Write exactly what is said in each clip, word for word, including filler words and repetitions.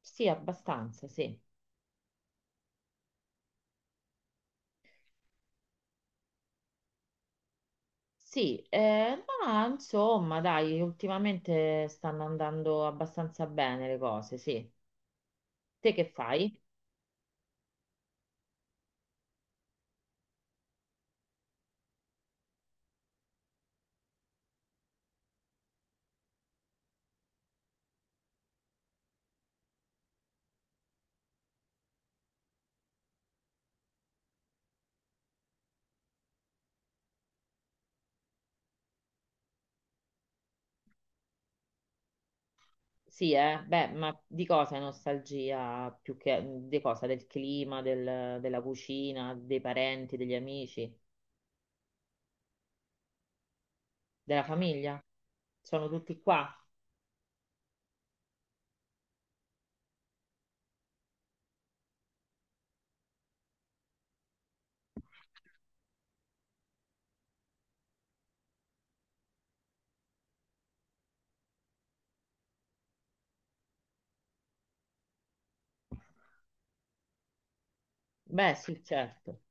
Sì, abbastanza, sì. Sì, eh, ma insomma, dai, ultimamente stanno andando abbastanza bene le cose, sì. Te che fai? Sì, eh, beh, ma di cosa è nostalgia più che mhmm, di cosa? Del clima, del- della cucina, dei parenti, degli amici, della famiglia? Sono tutti qua? Beh, sì, certo.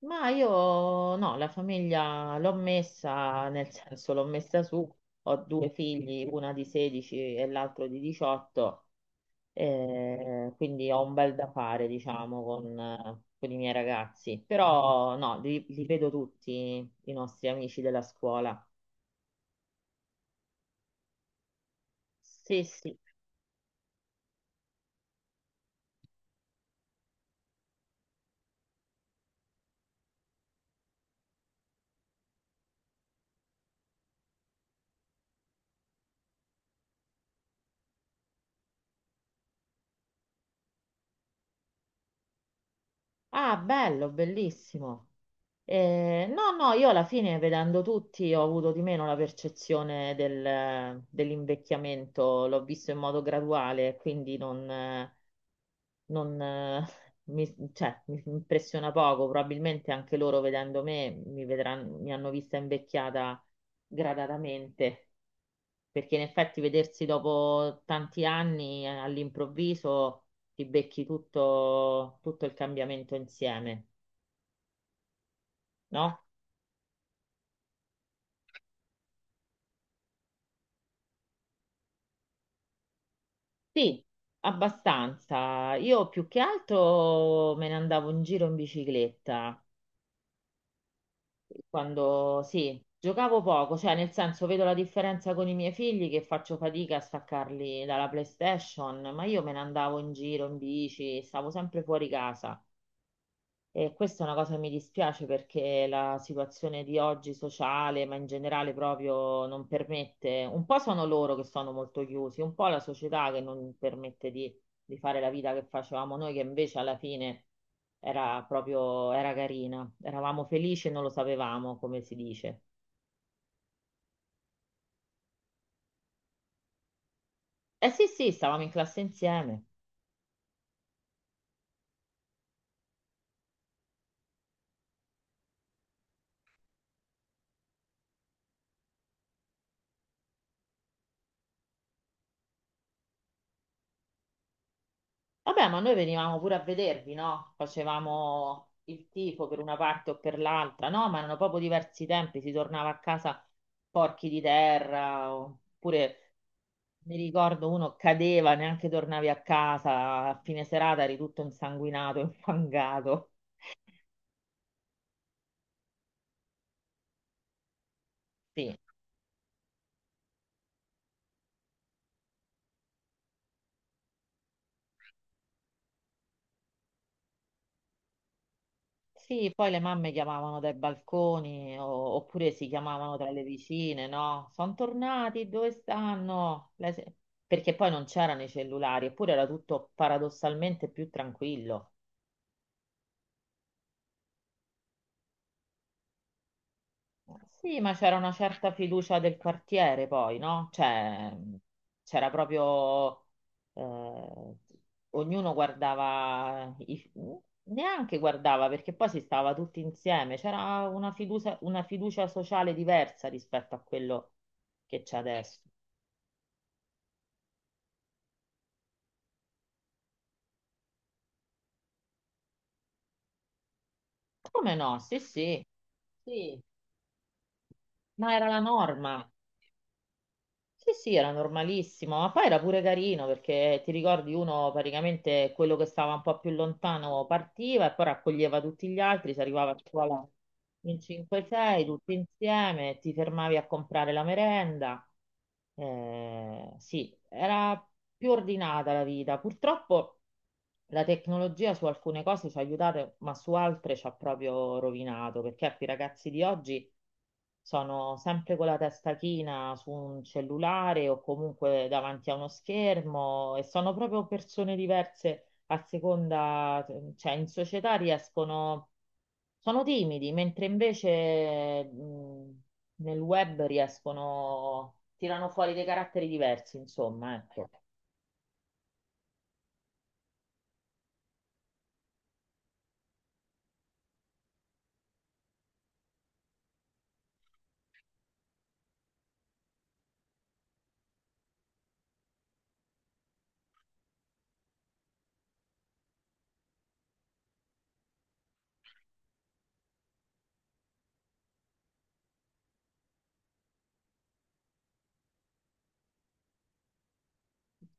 Ma io no, la famiglia l'ho messa, nel senso l'ho messa su, ho due figli, una di sedici e l'altro di diciotto, eh, quindi ho un bel da fare, diciamo, con, eh, con i miei ragazzi. Però no, li, li vedo tutti i nostri amici della scuola. Sì, sì. Ah, bello, bellissimo. Eh, no, no, io alla fine vedendo tutti ho avuto di meno la percezione del- dell'invecchiamento, l'ho visto in modo graduale, quindi non, eh, non, eh, mi, cioè, mi impressiona poco, probabilmente anche loro vedendo me mi vedranno, mi hanno vista invecchiata gradatamente, perché in effetti vedersi dopo tanti anni eh, all'improvviso ti becchi tutto tutto il cambiamento insieme, no? Sì, abbastanza. Io più che altro me ne andavo in giro in bicicletta. Quando sì, giocavo poco, cioè nel senso vedo la differenza con i miei figli che faccio fatica a staccarli dalla PlayStation, ma io me ne andavo in giro in bici, stavo sempre fuori casa. E questa è una cosa che mi dispiace perché la situazione di oggi sociale, ma in generale proprio non permette, un po' sono loro che sono molto chiusi, un po' la società che non permette di, di fare la vita che facevamo noi, che invece alla fine era proprio, era carina, eravamo felici e non lo sapevamo, come si dice. Eh sì, sì, stavamo in classe insieme. Vabbè, ma noi venivamo pure a vedervi, no? Facevamo il tifo per una parte o per l'altra, no? Ma erano proprio diversi tempi, si tornava a casa porchi di terra, oppure mi ricordo uno cadeva, neanche tornavi a casa, a fine serata eri tutto insanguinato, infangato. Sì. Sì, poi le mamme chiamavano dai balconi o- oppure si chiamavano tra le vicine, no? Sono tornati, dove stanno? Le se- Perché poi non c'erano i cellulari, eppure era tutto paradossalmente più tranquillo. Sì, ma c'era una certa fiducia del quartiere poi, no? Cioè, c'era proprio, eh, ognuno guardava, i- neanche guardava perché poi si stava tutti insieme. C'era una fiducia, una fiducia sociale diversa rispetto a quello che c'è adesso. Come no? Sì, sì, sì, ma era la norma. Sì, sì, era normalissimo, ma poi era pure carino perché ti ricordi uno praticamente quello che stava un po' più lontano partiva e poi raccoglieva tutti gli altri, si arrivava a scuola in cinque sei tutti insieme, ti fermavi a comprare la merenda. Eh, sì, era più ordinata la vita. Purtroppo la tecnologia su alcune cose ci ha aiutato, ma su altre ci ha proprio rovinato, perché ecco, i ragazzi di oggi sono sempre con la testa china su un cellulare o comunque davanti a uno schermo e sono proprio persone diverse a seconda, cioè in società riescono, sono timidi, mentre invece mh, nel web riescono, tirano fuori dei caratteri diversi, insomma, ecco.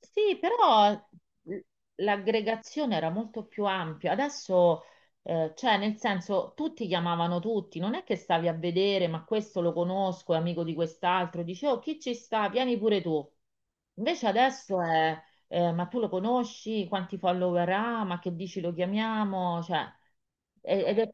Sì, però l- l'aggregazione era molto più ampia. Adesso, eh, cioè, nel senso, tutti chiamavano tutti, non è che stavi a vedere, ma questo lo conosco, è amico di quest'altro, dicevo, chi ci sta? Vieni pure tu. Invece adesso è, eh, ma tu lo conosci? Quanti follower ha? Ma che dici lo chiamiamo? Cioè, e- ed è...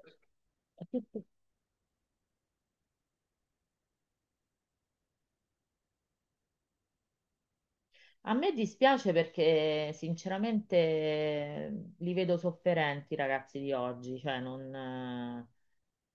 A me dispiace perché sinceramente eh, li vedo sofferenti i ragazzi di oggi, cioè non. eh,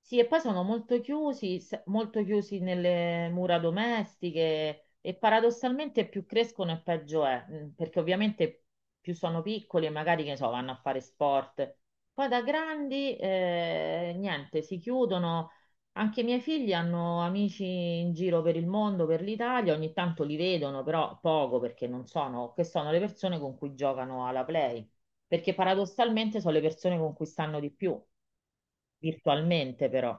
Sì, e poi sono molto chiusi, s- molto chiusi nelle mura domestiche e paradossalmente più crescono e peggio è, mm, perché ovviamente più sono piccoli e magari, che ne so, vanno a fare sport. Poi da grandi, eh, niente, si chiudono anche i miei figli hanno amici in giro per il mondo, per l'Italia, ogni tanto li vedono, però poco perché non sono, che sono le persone con cui giocano alla Play, perché paradossalmente sono le persone con cui stanno di più, virtualmente però.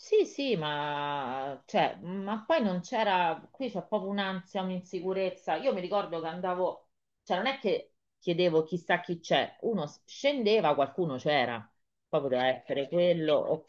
Sì, sì, ma, cioè, ma poi non c'era, qui c'è proprio un'ansia, un'insicurezza. Io mi ricordo che andavo, cioè non è che chiedevo chissà chi c'è, uno s- scendeva, qualcuno c'era, poi poteva essere quello, o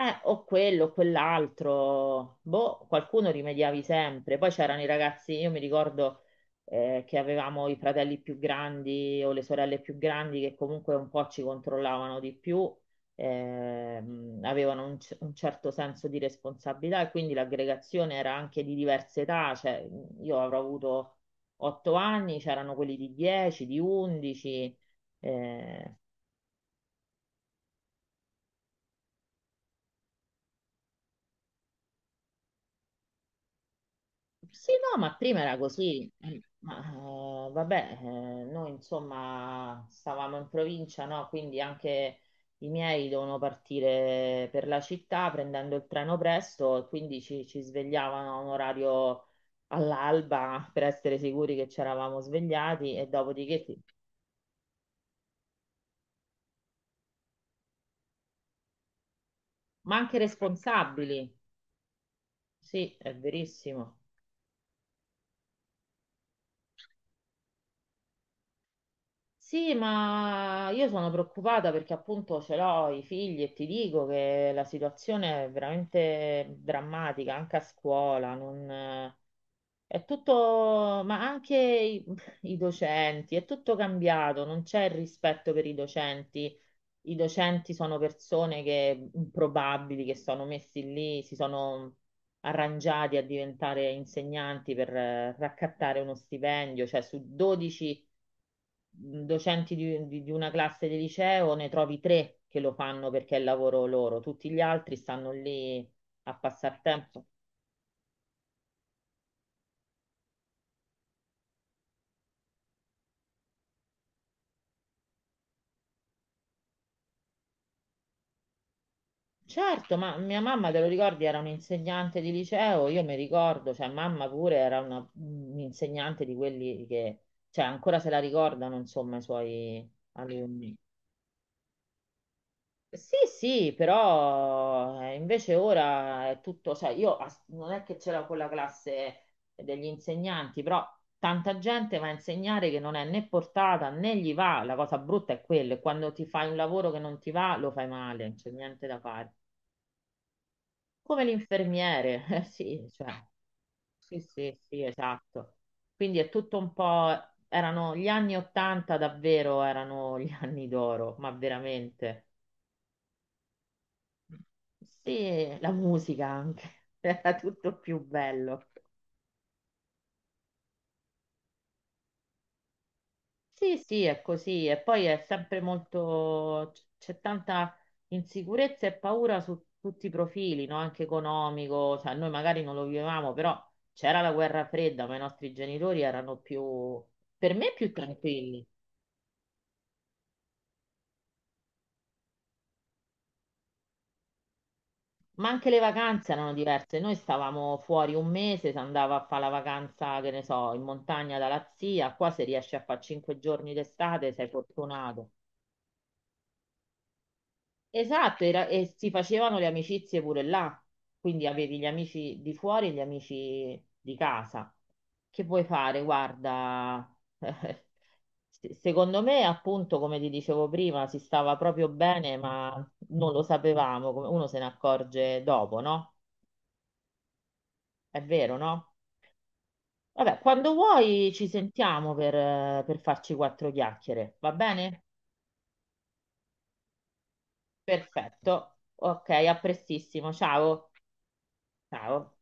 Eh, o quello, o quell'altro, boh, qualcuno rimediavi sempre. Poi c'erano i ragazzi, io mi ricordo eh, che avevamo i fratelli più grandi o le sorelle più grandi che comunque un po' ci controllavano di più, ehm, avevano un, c- un certo senso di responsabilità e quindi l'aggregazione era anche di diverse età, cioè io avrò avuto otto anni, c'erano quelli di dieci, di undici. Sì, no, ma prima era così. eh, Ma eh, vabbè, eh, noi insomma stavamo in provincia, no? Quindi anche i miei dovevano partire per la città prendendo il treno presto e quindi ci, ci svegliavano a un orario all'alba per essere sicuri che ci eravamo svegliati e dopodiché, sì. Ma anche responsabili. Sì, è verissimo. Sì, ma io sono preoccupata perché appunto ce l'ho i figli e ti dico che la situazione è veramente drammatica, anche a scuola, non, è tutto, ma anche i, i docenti, è tutto cambiato, non c'è il rispetto per i docenti. I docenti sono persone che improbabili, che sono messi lì, si sono arrangiati a diventare insegnanti per eh, raccattare uno stipendio, cioè su dodici mh, docenti di, di- di una classe di liceo, ne trovi tre che lo fanno perché è il lavoro loro, tutti gli altri stanno lì a passare tempo. Certo, ma mia mamma, te lo ricordi, era un'insegnante di liceo, io mi ricordo, cioè mamma pure era una- un'insegnante di quelli che, cioè ancora se la ricordano, insomma, i suoi alunni. Sì, sì, però eh, invece ora è tutto, cioè io as- non è che c'era quella classe degli insegnanti, però tanta gente va a insegnare che non è né portata né gli va, la cosa brutta è quella, e quando ti fai un lavoro che non ti va lo fai male, non c'è niente da fare. Come l'infermiere, eh, sì, cioè, sì, sì, sì, esatto. Quindi è tutto un po', erano gli anni Ottanta davvero, erano gli anni d'oro, ma veramente. Sì, la musica anche, era tutto più bello. Sì, sì, è così. E poi è sempre molto, c- c'è tanta insicurezza e paura su tutti i profili, no? Anche economico. Cioè, noi magari non lo vivevamo, però c'era la guerra fredda, ma i nostri genitori erano più, per me, più tranquilli. Ma anche le vacanze erano diverse. Noi stavamo fuori un mese, si andava a fare la vacanza, che ne so, in montagna dalla zia. Qua se riesci a fare cinque giorni d'estate sei fortunato. Esatto, era, e si facevano le amicizie pure là. Quindi avevi gli amici di fuori e gli amici di casa. Che vuoi fare? Guarda, se- secondo me, appunto, come ti dicevo prima, si stava proprio bene, ma non lo sapevamo. come- Uno se ne accorge dopo, no? È vero, no? Vabbè, quando vuoi ci sentiamo per, eh, per farci quattro chiacchiere, va bene? Perfetto. Ok, a prestissimo. Ciao. Ciao.